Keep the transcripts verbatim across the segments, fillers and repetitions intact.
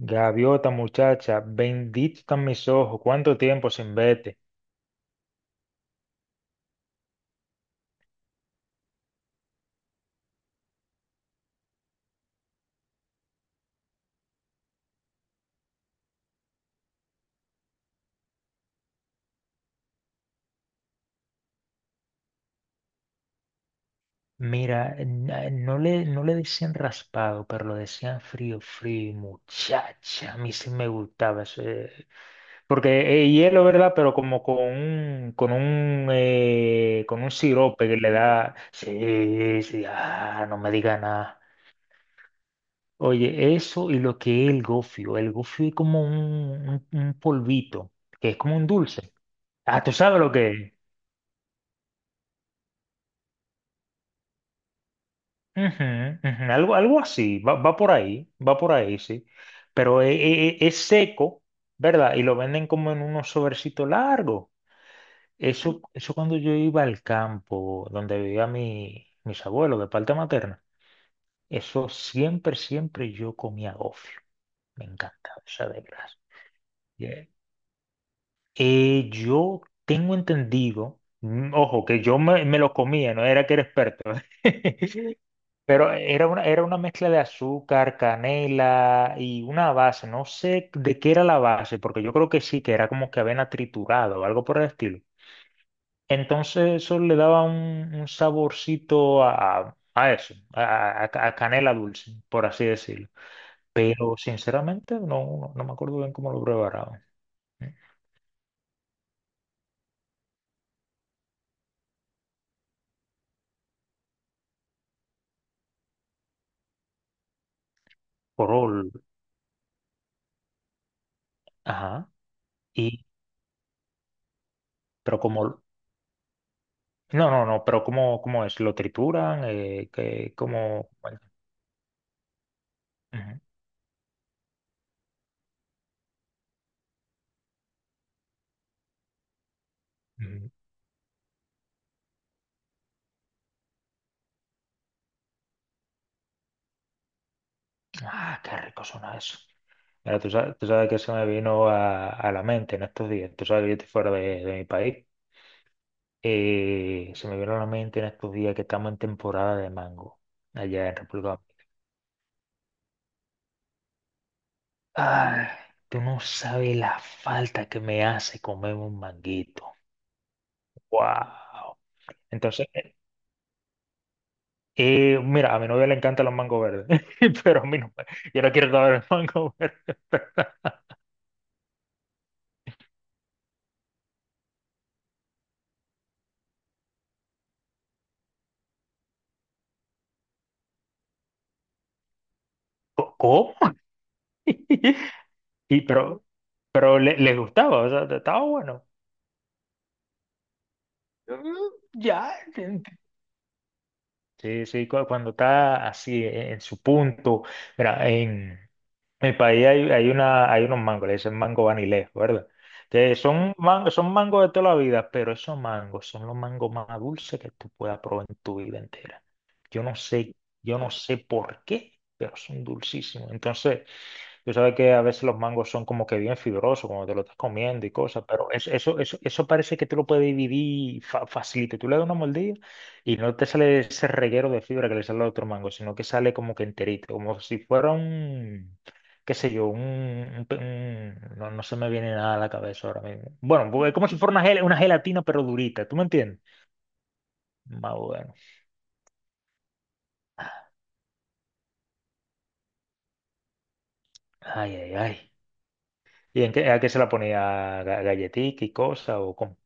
Gaviota, muchacha, bendito están mis ojos, cuánto tiempo sin verte. Mira, na- no le, no le decían raspado, pero lo decían frío, frío, y muchacha. A mí sí me gustaba ese- porque es hielo, ¿verdad? Pero como con un, con un, eh, con un sirope que le da. Sí, sí, ah, no me diga nada. Oye, eso y lo que es el gofio. El gofio es como un, un, un polvito, que es como un dulce. Ah, ¿tú sabes lo que es? Ujú, ujú, algo, algo así, va, va por ahí, va por ahí, sí. Pero e- e- e- es, seco, ¿verdad? Y lo venden como en unos sobrecitos largos. Eso, eso cuando yo iba al campo donde vivía mi, mis abuelos de parte materna, eso siempre, siempre yo comía gofio. Me encantaba esa de grasa. Yeah. Eh, yo tengo entendido, mm, ojo, que yo me, me lo comía, no era que era experto. Pero era una, era una mezcla de azúcar, canela y una base. No sé de qué era la base, porque yo creo que sí, que era como que avena triturada o algo por el estilo. Entonces eso le daba un, un saborcito a, a- a eso, a, a- a canela dulce, por así decirlo. Pero sinceramente no, no, no me acuerdo bien cómo lo preparaban. Porol, ajá. Y, pero como, no, no, no, pero cómo, cómo es, lo trituran, eh, que, como, bueno. Ujú. Ah, qué rico suena eso. Mira, tú sabes, tú sabes que se me vino a, a la mente en estos días. Tú sabes que yo estoy fuera de, de mi país. Eh, se me vino a la mente en estos días que estamos en temporada de mango allá en República Dominicana. Ay, tú no sabes la falta que me hace comer un manguito. Wow. Entonces, eh, mira, a mi novia le encantan los mangos verdes, pero a mí no. me- Yo no quiero comer el mango verde. ¿Cómo? Y pero, pero le- les gustaba, o sea, estaba bueno. Mm, ya, gente. Sí, sí, cu- cuando está así en en su punto. Mira, en mi país hay, hay una, hay unos mangos, le dicen mango vanilés, ¿verdad? Que son, man- son mangos de toda la vida, pero esos mangos son los mangos más dulces que tú puedas probar en tu vida entera. Yo no sé, yo no sé por qué, pero son dulcísimos. Entonces, tú sabes que a veces los mangos son como que bien fibrosos cuando te lo estás comiendo y cosas, pero eso, eso, eso, eso parece que tú lo puedes dividir fa- facilito. Tú le das una mordida y no te sale ese reguero de fibra que le sale al otro mango, sino que sale como que enterito, como si fuera un, qué sé yo, un, un pe- un- no, no se me viene nada a la cabeza ahora mismo. Bueno, pues es como si fuera una, gel- una gelatina pero durita, ¿tú me entiendes? Más bueno. Ay, ay, ay. ¿Y en qué, a qué se la ponía? ¿Ga- galletica y cosas o cómo?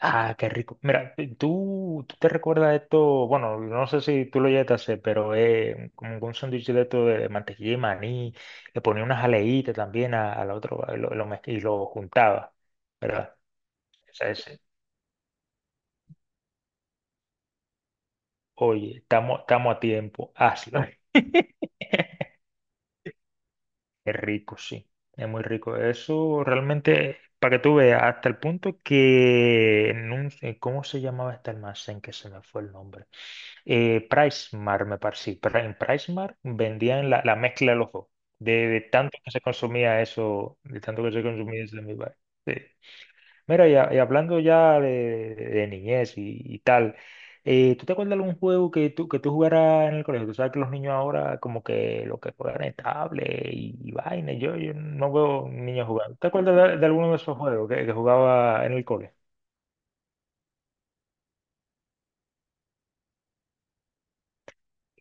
Ah, qué rico. Mira, eh, tú, tú te recuerdas esto, bueno, no sé si tú lo llegaste a hacer, pero es como un sándwich de esto de mantequilla y maní, le ponía una jaleíta también a- al otro a lo- lo mezc- y lo juntaba, ¿verdad? O sea, ese, oye, estamos estamos a tiempo, hazlo. Es rico, sí, es muy rico. Eso realmente, para que tú veas, hasta el punto que en un, eh, ¿cómo se llamaba este almacén que se me fue el nombre? Eh, Pricemar, me parece. Sí, Pri- en Pricemar vendían la, la mezcla de los dos. De, de tanto que se consumía eso, de tanto que se consumía ese mi bar. Sí. Mira, y, a- y hablando ya de, de niñez y, y tal, eh, ¿tú te acuerdas de algún juego que tú, que tú jugaras en el colegio? Tú sabes que los niños ahora como que lo que juegan es tablet y, y vaina. Yo, yo no veo niños jugando. ¿Te acuerdas de, de alguno de esos juegos que, que jugaba en el colegio?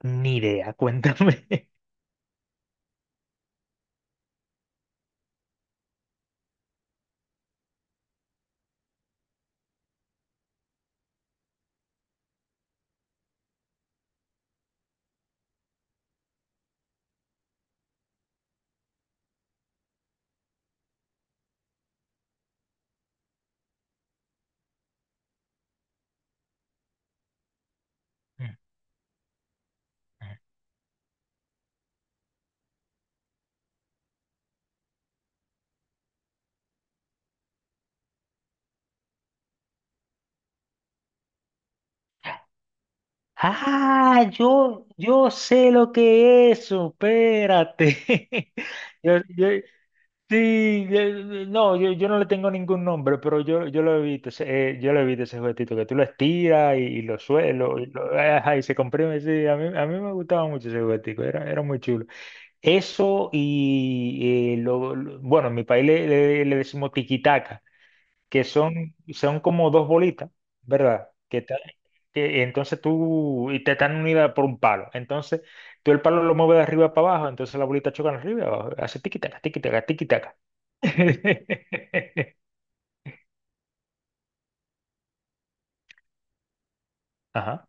Ni idea, cuéntame. Ah, yo, yo sé lo que es eso, espérate. Yo, yo- sí, yo- no, yo, yo no le tengo ningún nombre, pero yo, yo lo he visto, ese- eh, yo lo he visto ese juguetito, que tú lo estiras y, y lo suelo, y, lo- ajá, y se comprime, sí, a mí, a mí me gustaba mucho ese juguetico, era, era muy chulo. Eso y, eh, lo, lo- bueno, en mi país le, le, le decimos tiquitaca, que son, son como dos bolitas, ¿verdad? Que, ta- que entonces tú, y te están unidas por un palo. Entonces, tú el palo lo mueves de arriba para abajo, entonces la bolita choca de arriba y abajo, hace tiquitaca, tiquitaca, tiquitaca. Ajá.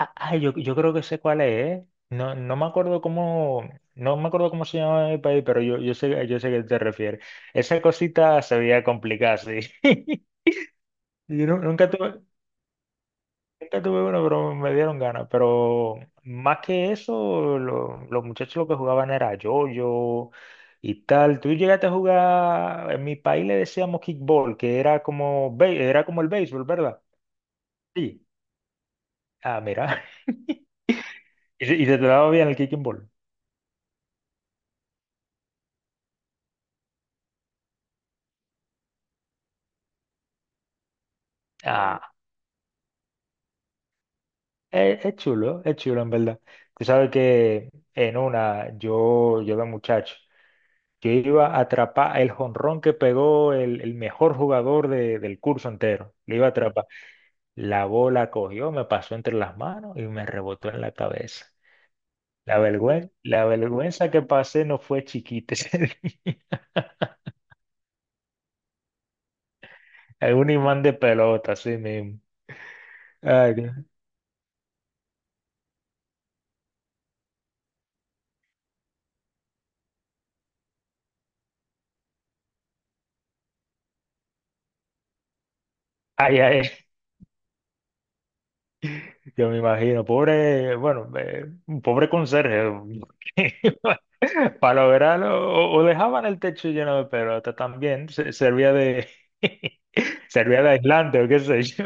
Ah, ah, yo, yo creo que sé cuál es, ¿eh? No, no me acuerdo cómo, no me acuerdo cómo se llama el país, pero yo, yo sé, yo sé a qué te refieres. Esa cosita se veía complicada, sí. Yo nu- nunca tuve. Nunca tuve uno, pero me dieron ganas. Pero más que eso, lo- los muchachos lo que jugaban era yo-yo y tal. Tú llegaste a jugar, en mi país le decíamos kickball, que era como, bé- era como el béisbol, ¿verdad? Sí. Ah, mira. Y, se- y se te daba bien el kicking ball. Mm, ah, es, es chulo, es chulo en verdad. Tú sabes que en una, yo, yo de muchacho, yo iba a atrapar el jonrón que pegó el, el mejor jugador de- del curso entero. Le iba a atrapar. La bola cogió, me pasó entre las manos y me rebotó en la cabeza. La vergüenza, la vergüenza que pasé no fue chiquita ese día. Es un imán de pelota, así mismo. Ay, Dios. Ay, ay, yo me imagino, pobre, bueno, eh, un pobre conserje. Para lograrlo, o, o dejaban el techo lleno de pelota también, se- servía de, servía de aislante o qué sé yo.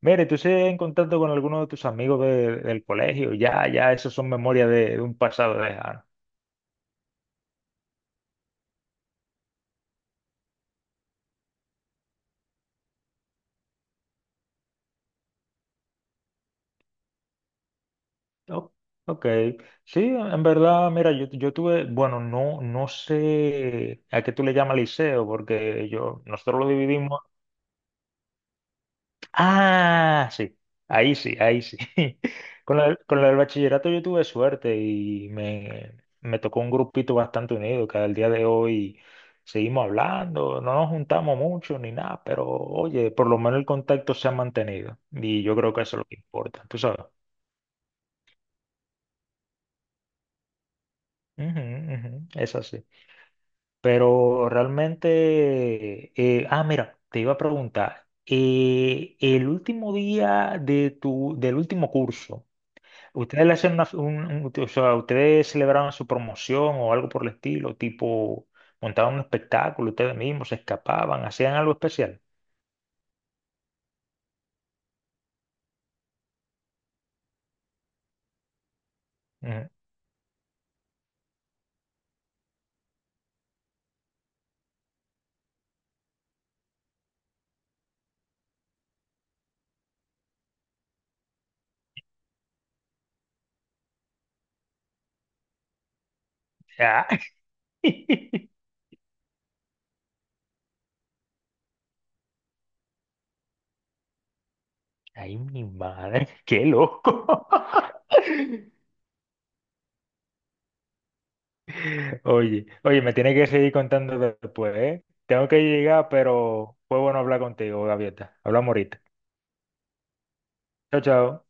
Mira, ¿y tú sigues en contacto con alguno de tus amigos de- del colegio, ya, ya, esos son memorias de, de un pasado lejano. O- ok, sí, en verdad, mira, yo, yo tuve, bueno, no, no sé a qué tú le llamas liceo, porque yo, nosotros lo dividimos. Ah, sí, ahí sí, ahí sí. Con la, con la del bachillerato yo tuve suerte y me, me tocó un grupito bastante unido que al día de hoy seguimos hablando, no nos juntamos mucho ni nada, pero oye, por lo menos el contacto se ha mantenido y yo creo que eso es lo que importa, tú sabes. Ujú, ujú, es así. Pero realmente, eh, ah, mira, te iba a preguntar, eh, el último día de tu, del último curso. ¿Ustedes le hacen una, un- un- o sea, ustedes celebraban su promoción o algo por el estilo, tipo montaban un espectáculo ustedes mismos, se escapaban, hacían algo especial? Mm, ah. Ay, mi madre, qué loco. Oye, oye, me tiene que seguir contando después, ¿eh? Tengo que llegar, pero fue bueno hablar contigo, Gaviota. Hablamos ahorita. Chao, chao.